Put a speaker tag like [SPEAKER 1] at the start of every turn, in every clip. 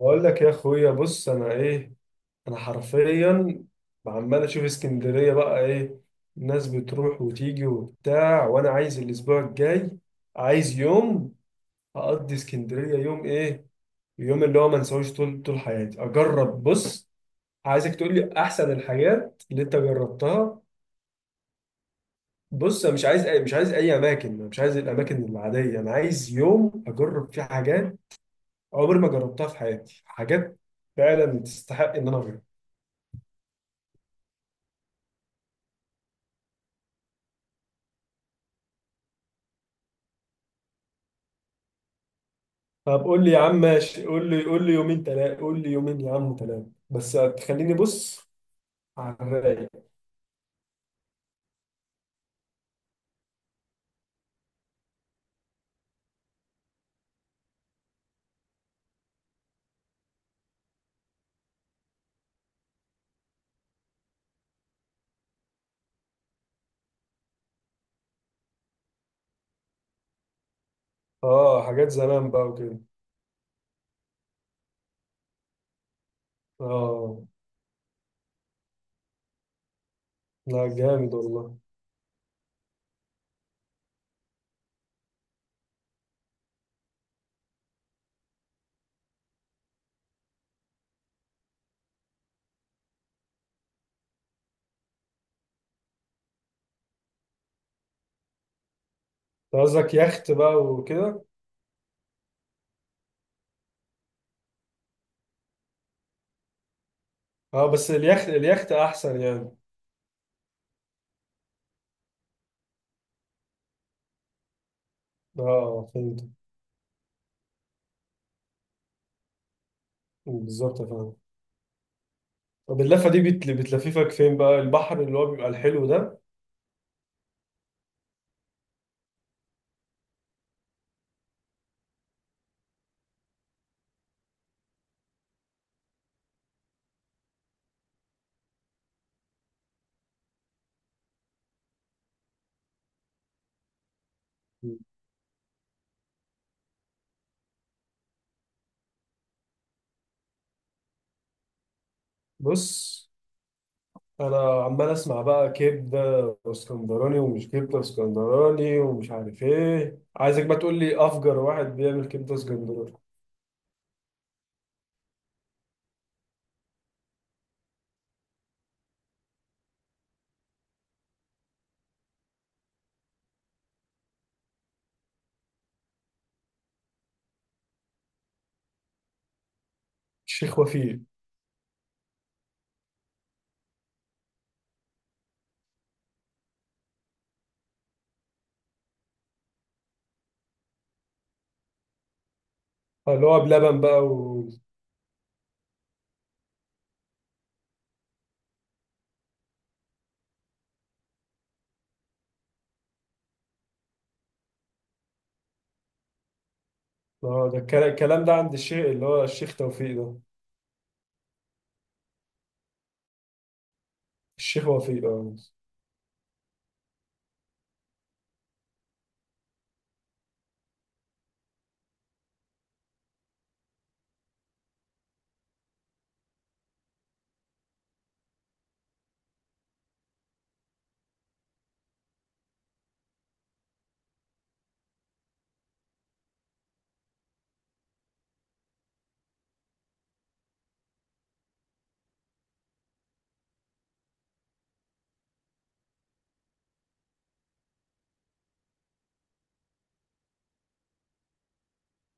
[SPEAKER 1] بقول لك يا اخويا، بص انا ايه، انا حرفيا عمال اشوف اسكندريه بقى. ايه الناس بتروح وتيجي وبتاع، وانا عايز الاسبوع الجاي عايز يوم اقضي اسكندريه. يوم ايه؟ يوم اللي هو ما انساهوش طول طول حياتي. اجرب. بص، عايزك تقول لي احسن الحاجات اللي انت جربتها. بص انا مش عايز اي اماكن. أنا مش عايز الاماكن العاديه، انا عايز يوم اجرب فيه حاجات عمري ما جربتها في حياتي، حاجات فعلا تستحق ان انا اجربها. طب قول لي يا عم، ماشي، قول لي يومين تلاتة، قول لي يومين يا عم تلاتة، بس تخليني بص على الرايق. اه حاجات زمان بقى وكده. اه، لا جامد والله. انت قصدك يخت بقى وكده. اه بس اليخت احسن يعني. اه فهمت. بالظبط فاهم. طب اللفة دي بتلففك فين بقى؟ البحر اللي هو بيبقى الحلو ده؟ بص انا عمال اسمع بقى كبده اسكندراني، ومش كبده اسكندراني، ومش عارف ايه. عايزك بقى تقول لي افجر واحد بيعمل كبده اسكندراني. الشيخ وفيق. اللي هو بلبن بقى و... آه، ده الكلام ده عند الشيخ اللي هو الشيخ توفيق ده؟ الشيخ وفيق، اه.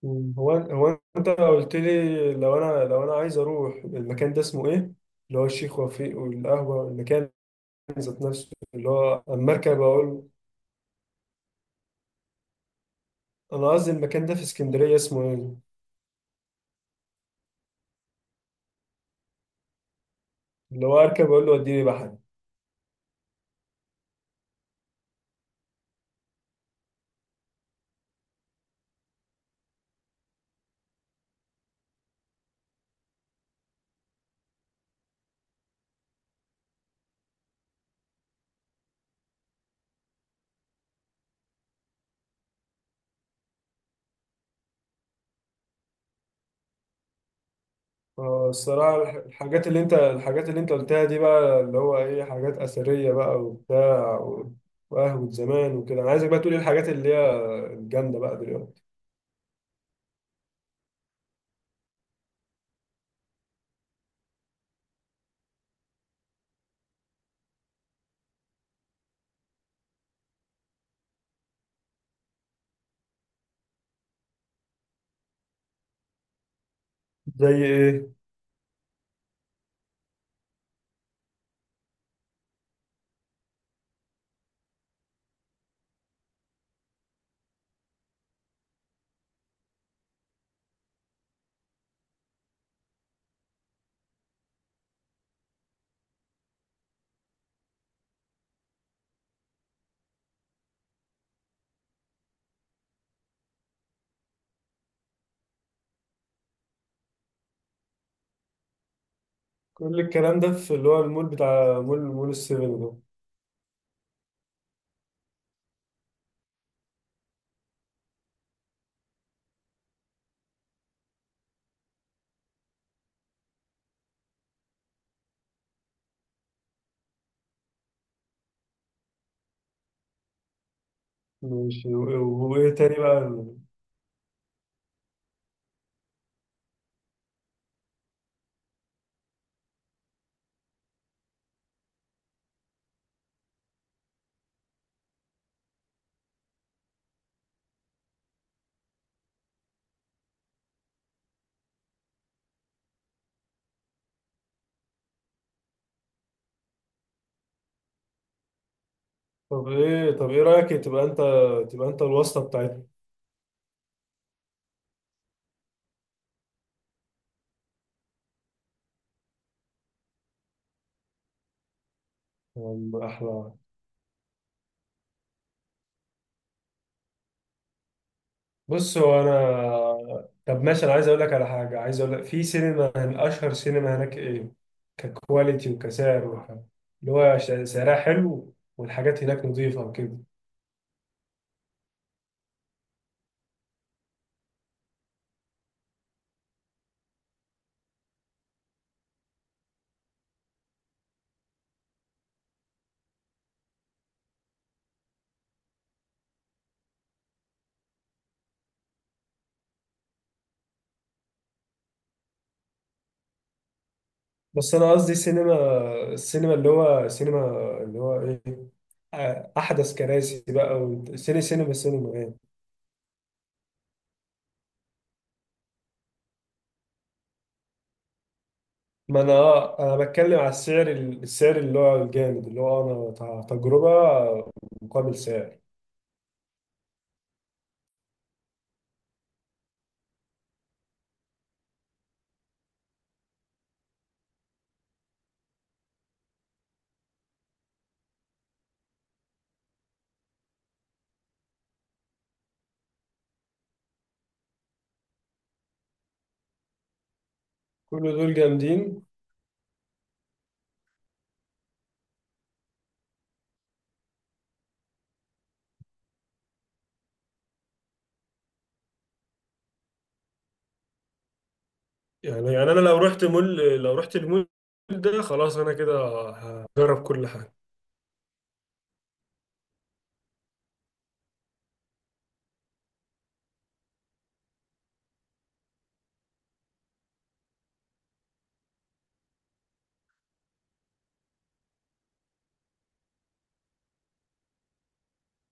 [SPEAKER 1] مم، هو انت قلت لي لو انا عايز اروح المكان ده اسمه ايه؟ اللي هو الشيخ وفيق والقهوه، المكان ذات نفسه اللي هو المركب اقول. انا قصدي المكان ده في اسكندريه اسمه ايه؟ اللي هو اركب اقول له وديني بحري. آه، الصراحه الحاجات اللي انت، قلتها دي بقى، اللي هو ايه حاجات اثريه بقى وبتاع و- وقهوه زمان وكده. انا عايزك بقى تقول ايه الحاجات اللي هي الجامده بقى دلوقتي؟ زي ايه؟ كل الكلام ده في اللي هو المول، بتاع مول السيفن ده؟ ماشي، و- وايه تاني بقى؟ طب ايه، رايك تبقى انت، الواسطه بتاعتنا؟ احلى. بص هو انا، طب ماشي، انا عايز اقول لك على حاجه. عايز اقول لك في سينما، اشهر سينما هناك ايه ككواليتي وكسعر وك... اللي هو سعرها حلو والحاجات هناك نظيفه وكده. بس انا قصدي سينما، السينما اللي هو سينما اللي هو ايه آه، احدث كراسي بقى وسيني سينما، سينما يعني. ما انا اه انا بتكلم على السعر، السعر اللي هو الجامد اللي هو انا تجربه مقابل سعر. كل دول جامدين. يعني انا لو رحت مول، لو رحت المول ده خلاص انا كده هجرب كل حاجه.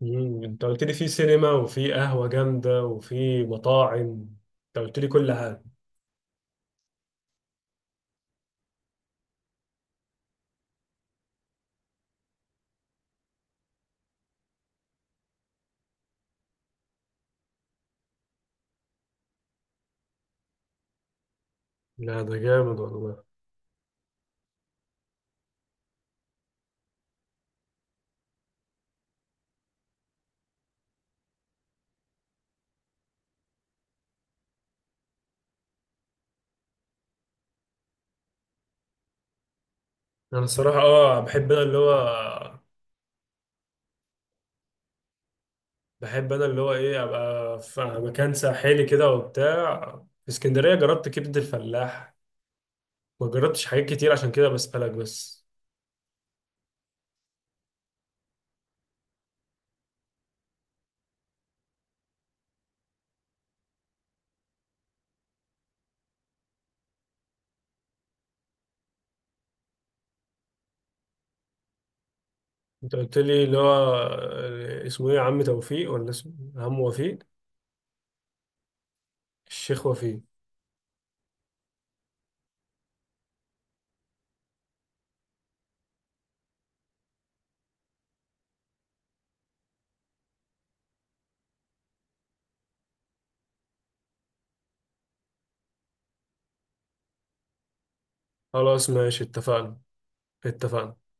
[SPEAKER 1] مم، انت قلت لي في سينما وفي قهوه جامده وفي مطاعم. انت قلت لي كل حاجه. لا ده جامد والله. انا الصراحه اه بحب انا اللي هو، بحب انا اللي هو ايه ابقى في مكان ساحلي كده وبتاع. في اسكندريه جربت كبده الفلاح. ما جربتش حاجات كتير عشان كده بسألك بس. انت قلت لي اللي هو آه، اسمه ايه، عم توفيق ولا اسمه عم وفيق؟ الشيخ وفيق. خلاص، ماشي، اتفقنا. اتفقنا.